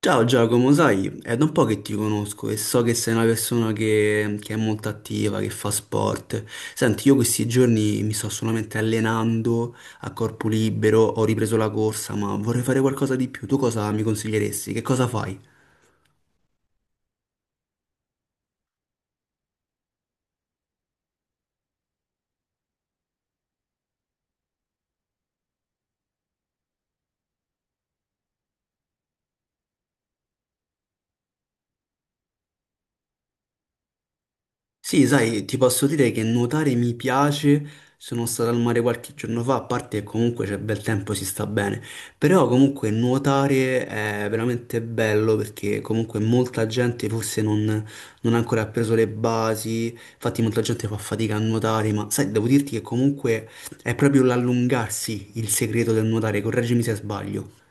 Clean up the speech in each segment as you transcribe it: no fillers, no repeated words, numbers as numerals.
Ciao Giacomo, sai, è da un po' che ti conosco e so che sei una persona che è molto attiva, che fa sport. Senti, io questi giorni mi sto solamente allenando a corpo libero, ho ripreso la corsa, ma vorrei fare qualcosa di più. Tu cosa mi consiglieresti? Che cosa fai? Sì, sai, ti posso dire che nuotare mi piace, sono stato al mare qualche giorno fa, a parte che comunque c'è bel tempo, si sta bene, però comunque nuotare è veramente bello perché comunque molta gente forse non, non ha ancora preso le basi, infatti molta gente fa fatica a nuotare, ma sai, devo dirti che comunque è proprio l'allungarsi il segreto del nuotare, correggimi se sbaglio.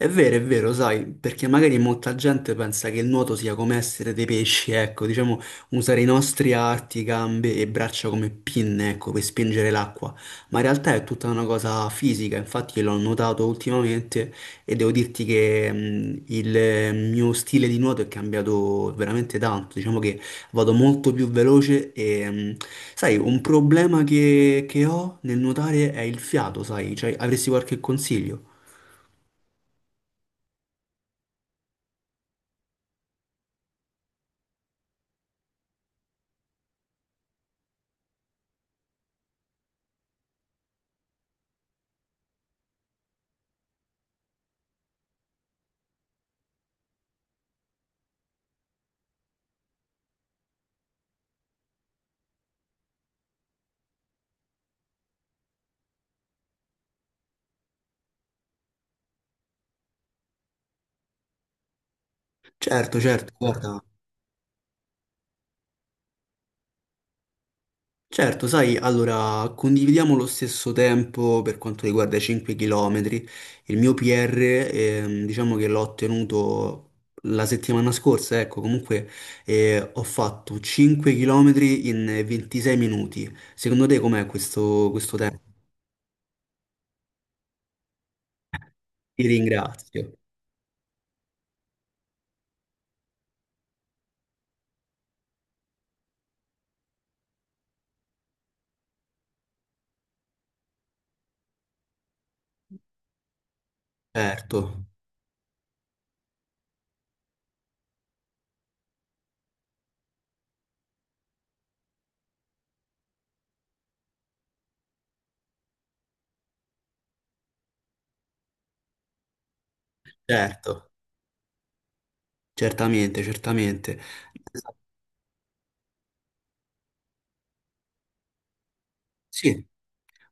È vero, sai, perché magari molta gente pensa che il nuoto sia come essere dei pesci, ecco, diciamo, usare i nostri arti, gambe e braccia come pinne, ecco, per spingere l'acqua, ma in realtà è tutta una cosa fisica, infatti l'ho notato ultimamente e devo dirti che il mio stile di nuoto è cambiato veramente tanto, diciamo che vado molto più veloce sai, un problema che ho nel nuotare è il fiato, sai, cioè, avresti qualche consiglio? Certo, certo, guarda. Certo, sai, allora condividiamo lo stesso tempo per quanto riguarda i 5 km. Il mio PR, diciamo che l'ho ottenuto la settimana scorsa, ecco, comunque ho fatto 5 km in 26 minuti. Secondo te com'è questo tempo? Ti ringrazio. Certo, certo, certamente, certamente. Sì.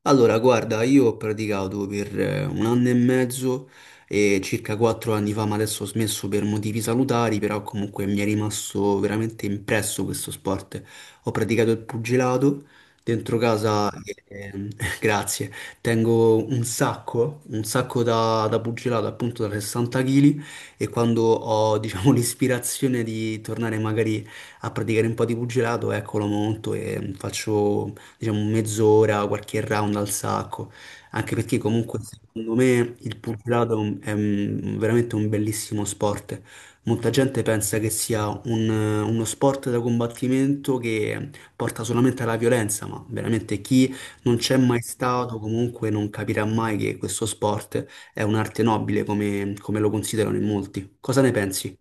Allora, guarda, io ho praticato per un anno e mezzo e circa quattro anni fa, ma adesso ho smesso per motivi salutari, però comunque mi è rimasto veramente impresso questo sport. Ho praticato il pugilato dentro casa, eh, grazie, tengo un sacco da pugilato, appunto da 60 kg e quando ho, diciamo, l'ispirazione di tornare magari a praticare un po' di pugilato, ecco, lo monto e faccio diciamo mezz'ora, qualche round al sacco, anche perché comunque secondo me il pugilato è veramente un bellissimo sport. Molta gente pensa che sia uno sport da combattimento che porta solamente alla violenza, ma veramente chi non c'è mai stato comunque non capirà mai che questo sport è un'arte nobile come, come lo considerano in molti. Cosa ne pensi?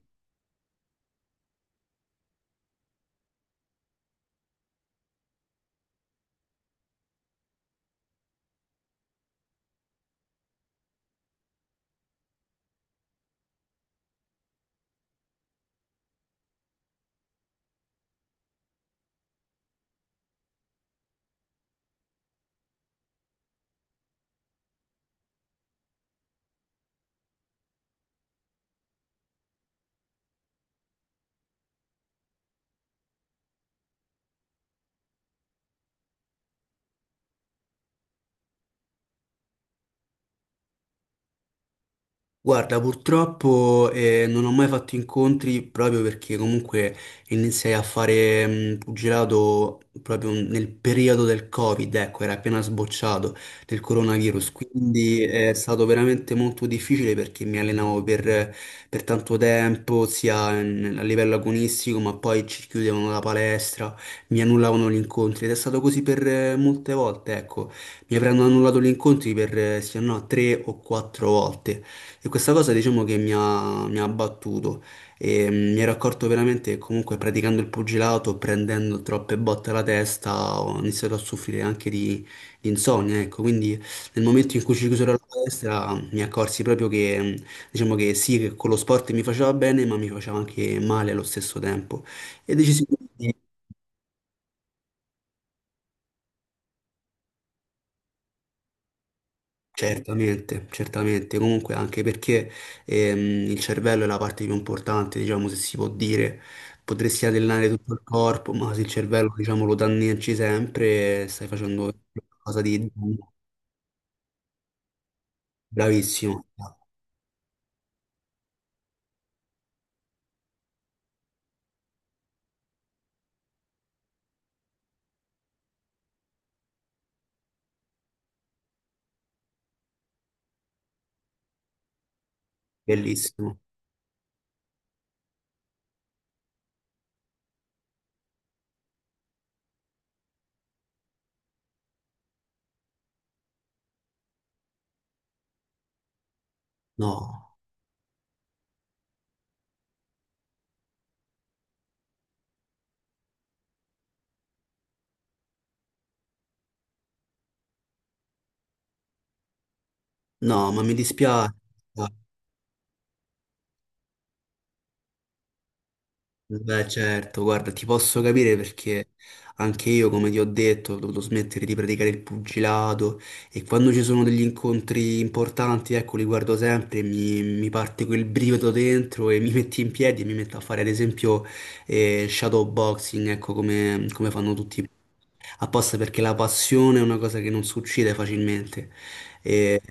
Guarda, purtroppo non ho mai fatto incontri proprio perché comunque iniziai a fare pugilato proprio nel periodo del Covid, ecco, era appena sbocciato del coronavirus, quindi è stato veramente molto difficile perché mi allenavo per tanto tempo, a livello agonistico, ma poi ci chiudevano la palestra, mi annullavano gli incontri ed è stato così per molte volte, ecco, mi avranno annullato gli incontri per se no tre o quattro volte. E questa cosa diciamo che mi ha abbattuto e mi ero accorto veramente che comunque praticando il pugilato, prendendo troppe botte alla testa, ho iniziato a soffrire anche di insonnia, ecco, quindi nel momento in cui ci chiusero la palestra mi accorsi proprio che, diciamo che sì, che con lo sport mi faceva bene, ma mi faceva anche male allo stesso tempo e decisi. Certamente, certamente, comunque anche perché il cervello è la parte più importante, diciamo, se si può dire, potresti allenare tutto il corpo, ma se il cervello, diciamo, lo danneggi sempre, stai facendo qualcosa di bravissimo, bellissimo. No, no, ma mi dispiace. Beh, certo, guarda, ti posso capire perché anche io, come ti ho detto, ho dovuto smettere di praticare il pugilato e quando ci sono degli incontri importanti, ecco, li guardo sempre e mi parte quel brivido dentro e mi metti in piedi e mi metto a fare, ad esempio, shadow boxing, ecco, come, come fanno tutti apposta perché la passione è una cosa che non succede facilmente. E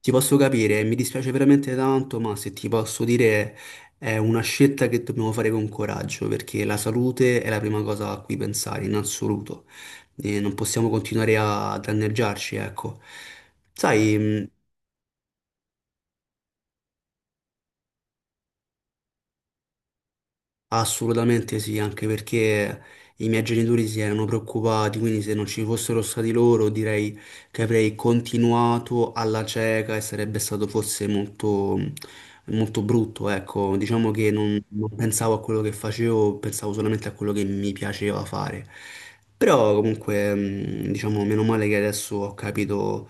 ti posso capire, mi dispiace veramente tanto, ma se ti posso dire è una scelta che dobbiamo fare con coraggio, perché la salute è la prima cosa a cui pensare in assoluto. E non possiamo continuare a danneggiarci, ecco. Sai, assolutamente sì, anche perché i miei genitori si erano preoccupati, quindi se non ci fossero stati loro direi che avrei continuato alla cieca e sarebbe stato forse molto, molto brutto, ecco, diciamo che non pensavo a quello che facevo, pensavo solamente a quello che mi piaceva fare. Però comunque, diciamo, meno male che adesso ho capito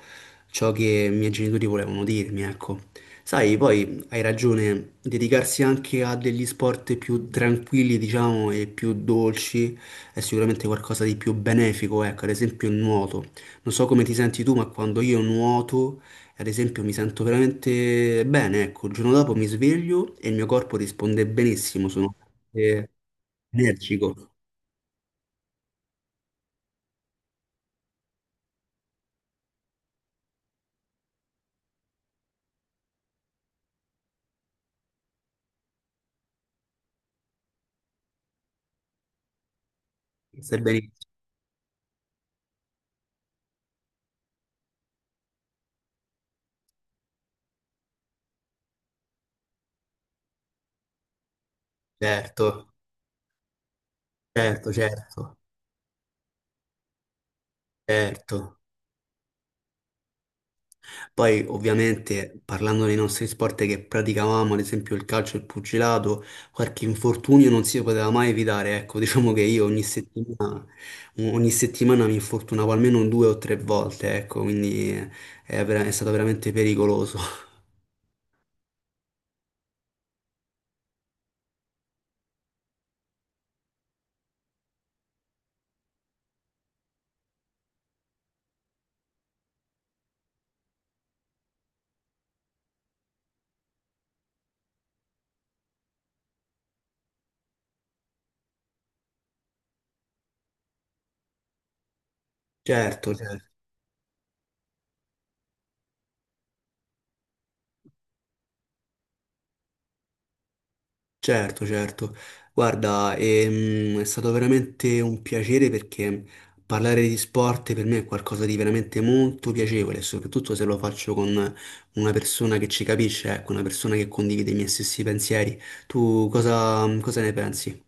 ciò che i miei genitori volevano dirmi, ecco. Sai, poi hai ragione, dedicarsi anche a degli sport più tranquilli, diciamo, e più dolci è sicuramente qualcosa di più benefico, ecco, ad esempio il nuoto. Non so come ti senti tu, ma quando io nuoto, ad esempio, mi sento veramente bene, ecco, il giorno dopo mi sveglio e il mio corpo risponde benissimo, sono eh, energico. Stai benissimo, certo, certo, certo, certo. Poi ovviamente parlando dei nostri sport che praticavamo, ad esempio il calcio e il pugilato, qualche infortunio non si poteva mai evitare. Ecco, diciamo che io ogni settimana mi infortunavo almeno due o tre volte, ecco, quindi è, è stato veramente pericoloso. Certo, certo. Certo, certo. Guarda, è stato veramente un piacere perché parlare di sport per me è qualcosa di veramente molto piacevole, soprattutto se lo faccio con una persona che ci capisce, ecco, una persona che condivide i miei stessi pensieri. Tu cosa ne pensi?